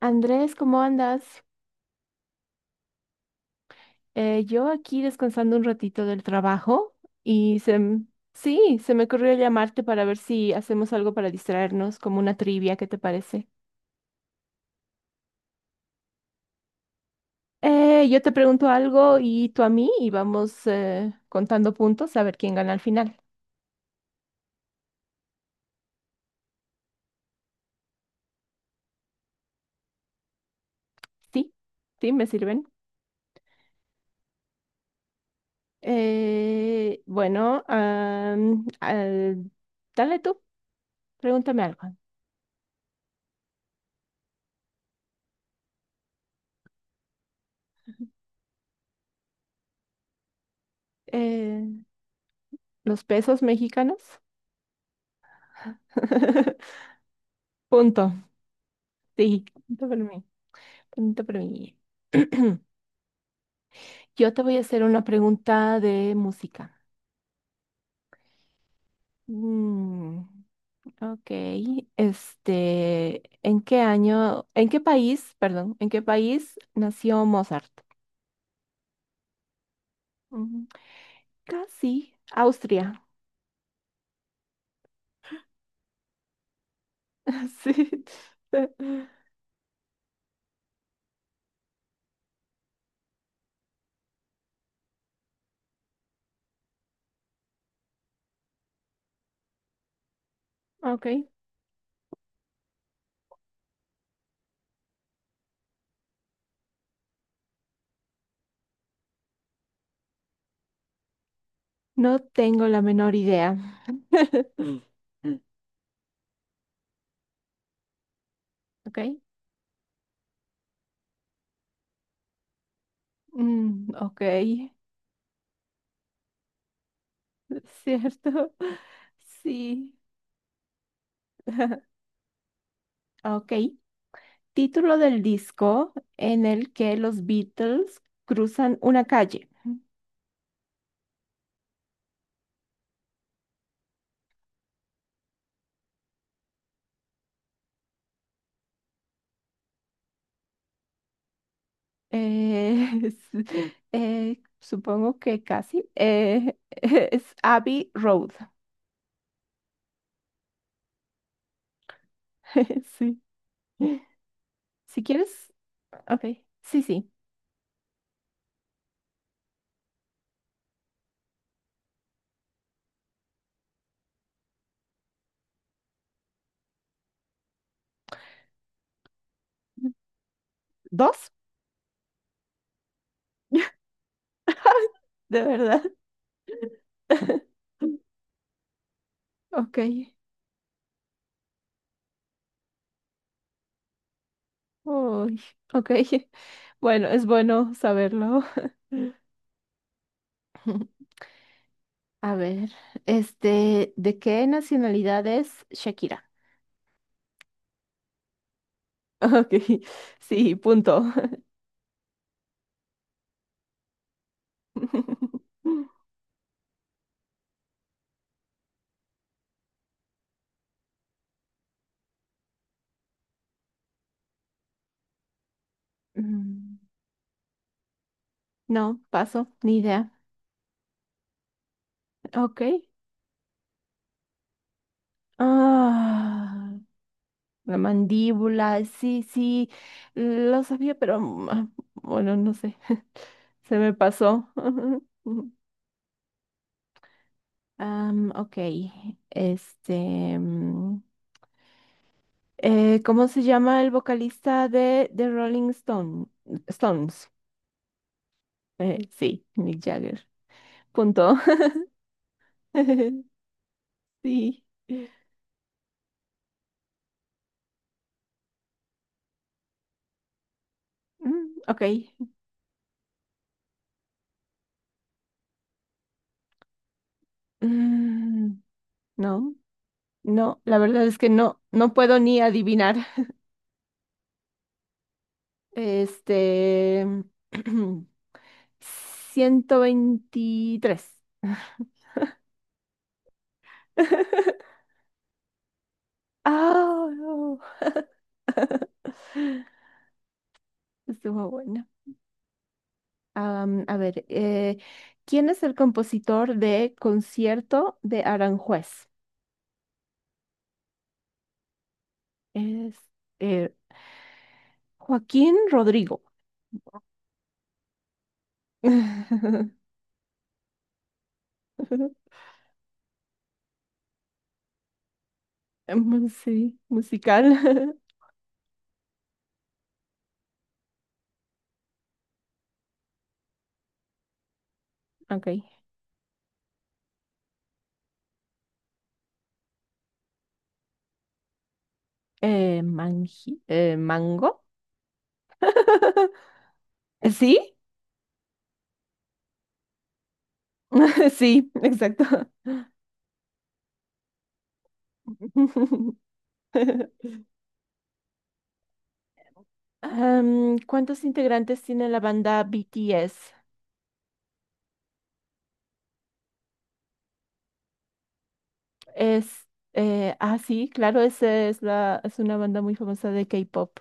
Andrés, ¿cómo andas? Yo aquí descansando un ratito del trabajo y se, m- sí, se me ocurrió llamarte para ver si hacemos algo para distraernos, como una trivia, ¿qué te parece? Yo te pregunto algo y tú a mí y vamos contando puntos a ver quién gana al final. ¿Sí? ¿Sí? ¿Me sirven? Bueno, dale tú, pregúntame algo. Eh, ¿Los pesos mexicanos? Punto. Sí, punto para mí. Pregunta para mí. Yo te voy a hacer una pregunta de música. Mm, ok. ¿En qué año, en qué país, perdón, en qué país nació Mozart? Mm, Casi, Austria. Sí. Ok. No tengo la menor idea. Ok. Ok. Cierto. Sí. Ok. Título del disco en el que los Beatles cruzan una calle. Eh, supongo que casi. Es Abbey Road. Sí. Si quieres, ok. Sí, sí. ¿Dos? De verdad. Ok. Uy, ok. Bueno, es bueno saberlo. A ver, ¿de qué nacionalidad es Shakira? Ok, sí, punto. Mm, No, paso, ni idea. Ok. Ah, la mandíbula, sí, sí, lo sabía, pero bueno, no sé, se me pasó. Ok, este, mm, ¿cómo se llama el vocalista de Stones? Sí, Mick Jagger. Punto. Sí. Ok. Mm, no, no, la verdad es que no, no puedo ni adivinar. Este, 123. Ah, no, estuvo buena. A ver, ¿quién es el compositor de Concierto de Aranjuez? Es eh, Joaquín Rodrigo. Sí, musical. Ok. Mango. ¿Sí? Sí, exacto. ¿Cuántos integrantes tiene la banda BTS? Es, sí, claro, es una banda muy famosa de K-pop.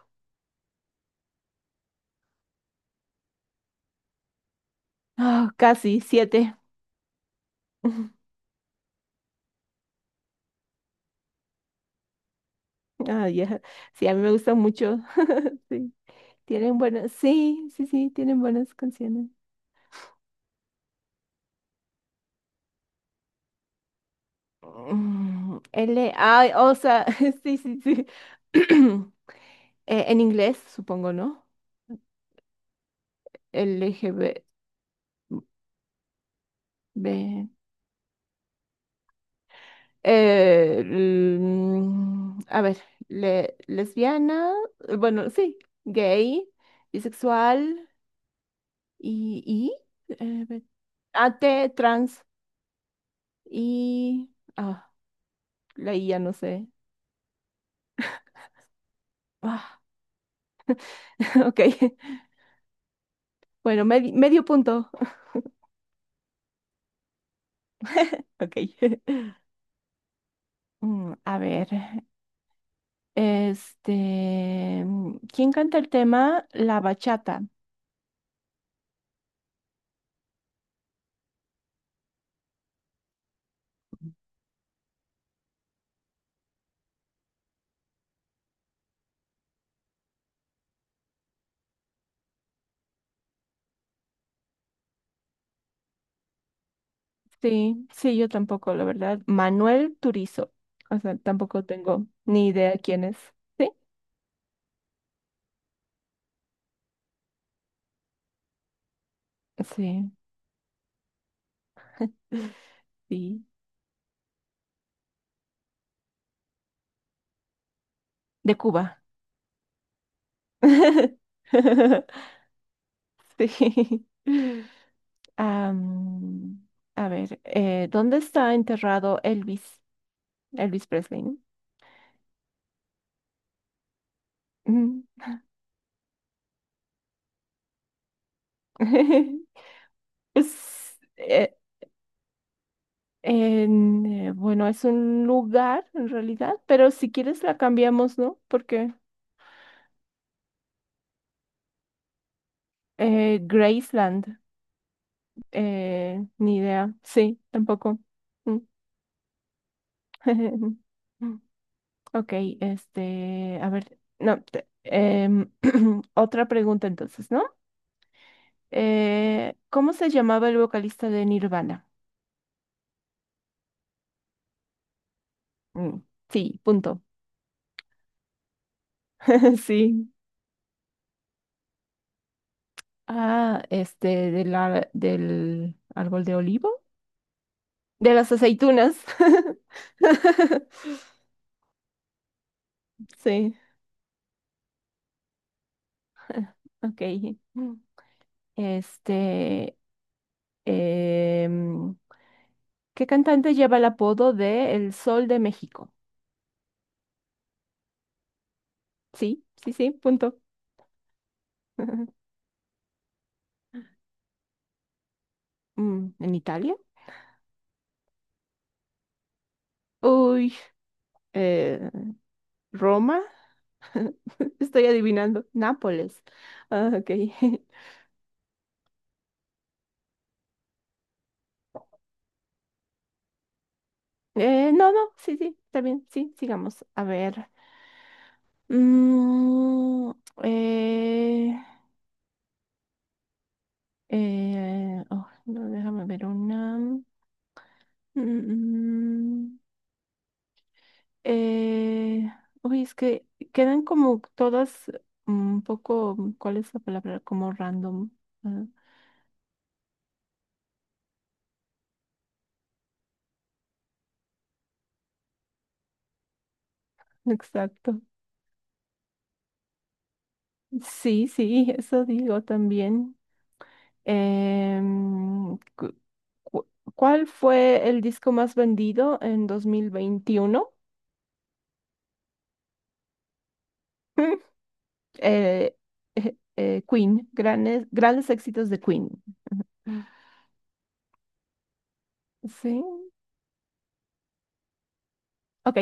Ah, casi, 7. Ah, ya. Sí, a mí me gusta mucho. Sí, tienen buenas, sí, sí, sí, tienen buenas canciones. L, ay, o sea, sí, sí, sí. En inglés, supongo, ¿no? LGB. B- B. A ver, lesbiana, bueno, sí, gay, bisexual y, y AT, trans y... Ah, la I ya no sé. Ah, ok. Bueno, medio punto. Ok. A ver. ¿Quién canta el tema? La bachata. Sí, sí, yo tampoco, la verdad. Manuel Turizo. O sea, tampoco tengo ni idea quién es. Sí, sí, sí. De Cuba. Sí. Am, a ver, ¿dónde está enterrado Elvis? Elvis Presley, ¿no? Ujú. Es, eh, bueno, es un lugar en realidad, pero si quieres la cambiamos, ¿no? Porque Graceland, ni idea. Sí, tampoco. Mm. Ok, a ver, no, otra pregunta entonces, ¿no? ¿Cómo se llamaba el vocalista de Nirvana? Mm, Sí, punto. Sí. Ah, este, del árbol de olivo. De las aceitunas. Sí, ok. Este, em, ¿Qué cantante lleva el apodo de El Sol de México? Sí, sí, sí, punto. ¿En Italia? Uy, eh, Roma. Estoy adivinando. Nápoles. Ah, ok. No, no, sí, sí, está bien. Sí, sigamos. A ver. Mm, eh, oh, no, déjame ver una. Mm, mm. eh, Uy, es que quedan como todas un poco, mm, ¿cuál es la palabra? Como random. ah, exacto. Sí, sí, eso digo también. Em, cu- cu- ¿Cuál fue el disco más vendido en 2021? Eh, Queen, grandes éxitos de Queen. Sí, ok.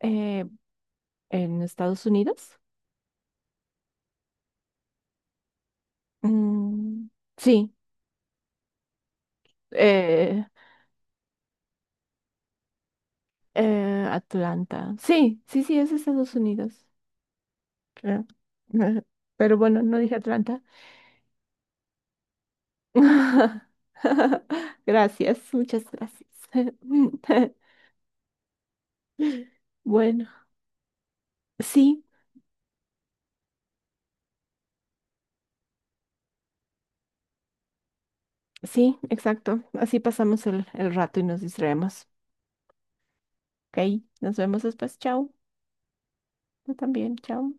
Eh, en Estados Unidos. Mm, sí, eh, Atlanta. Sí, sí, sí, es Estados Unidos. Creo. Pero bueno, no dije Atlanta. Gracias, muchas gracias. Bueno, sí, sí, exacto. Así pasamos el rato y nos distraemos. Ok, nos vemos después. Chao. Tú también, chao.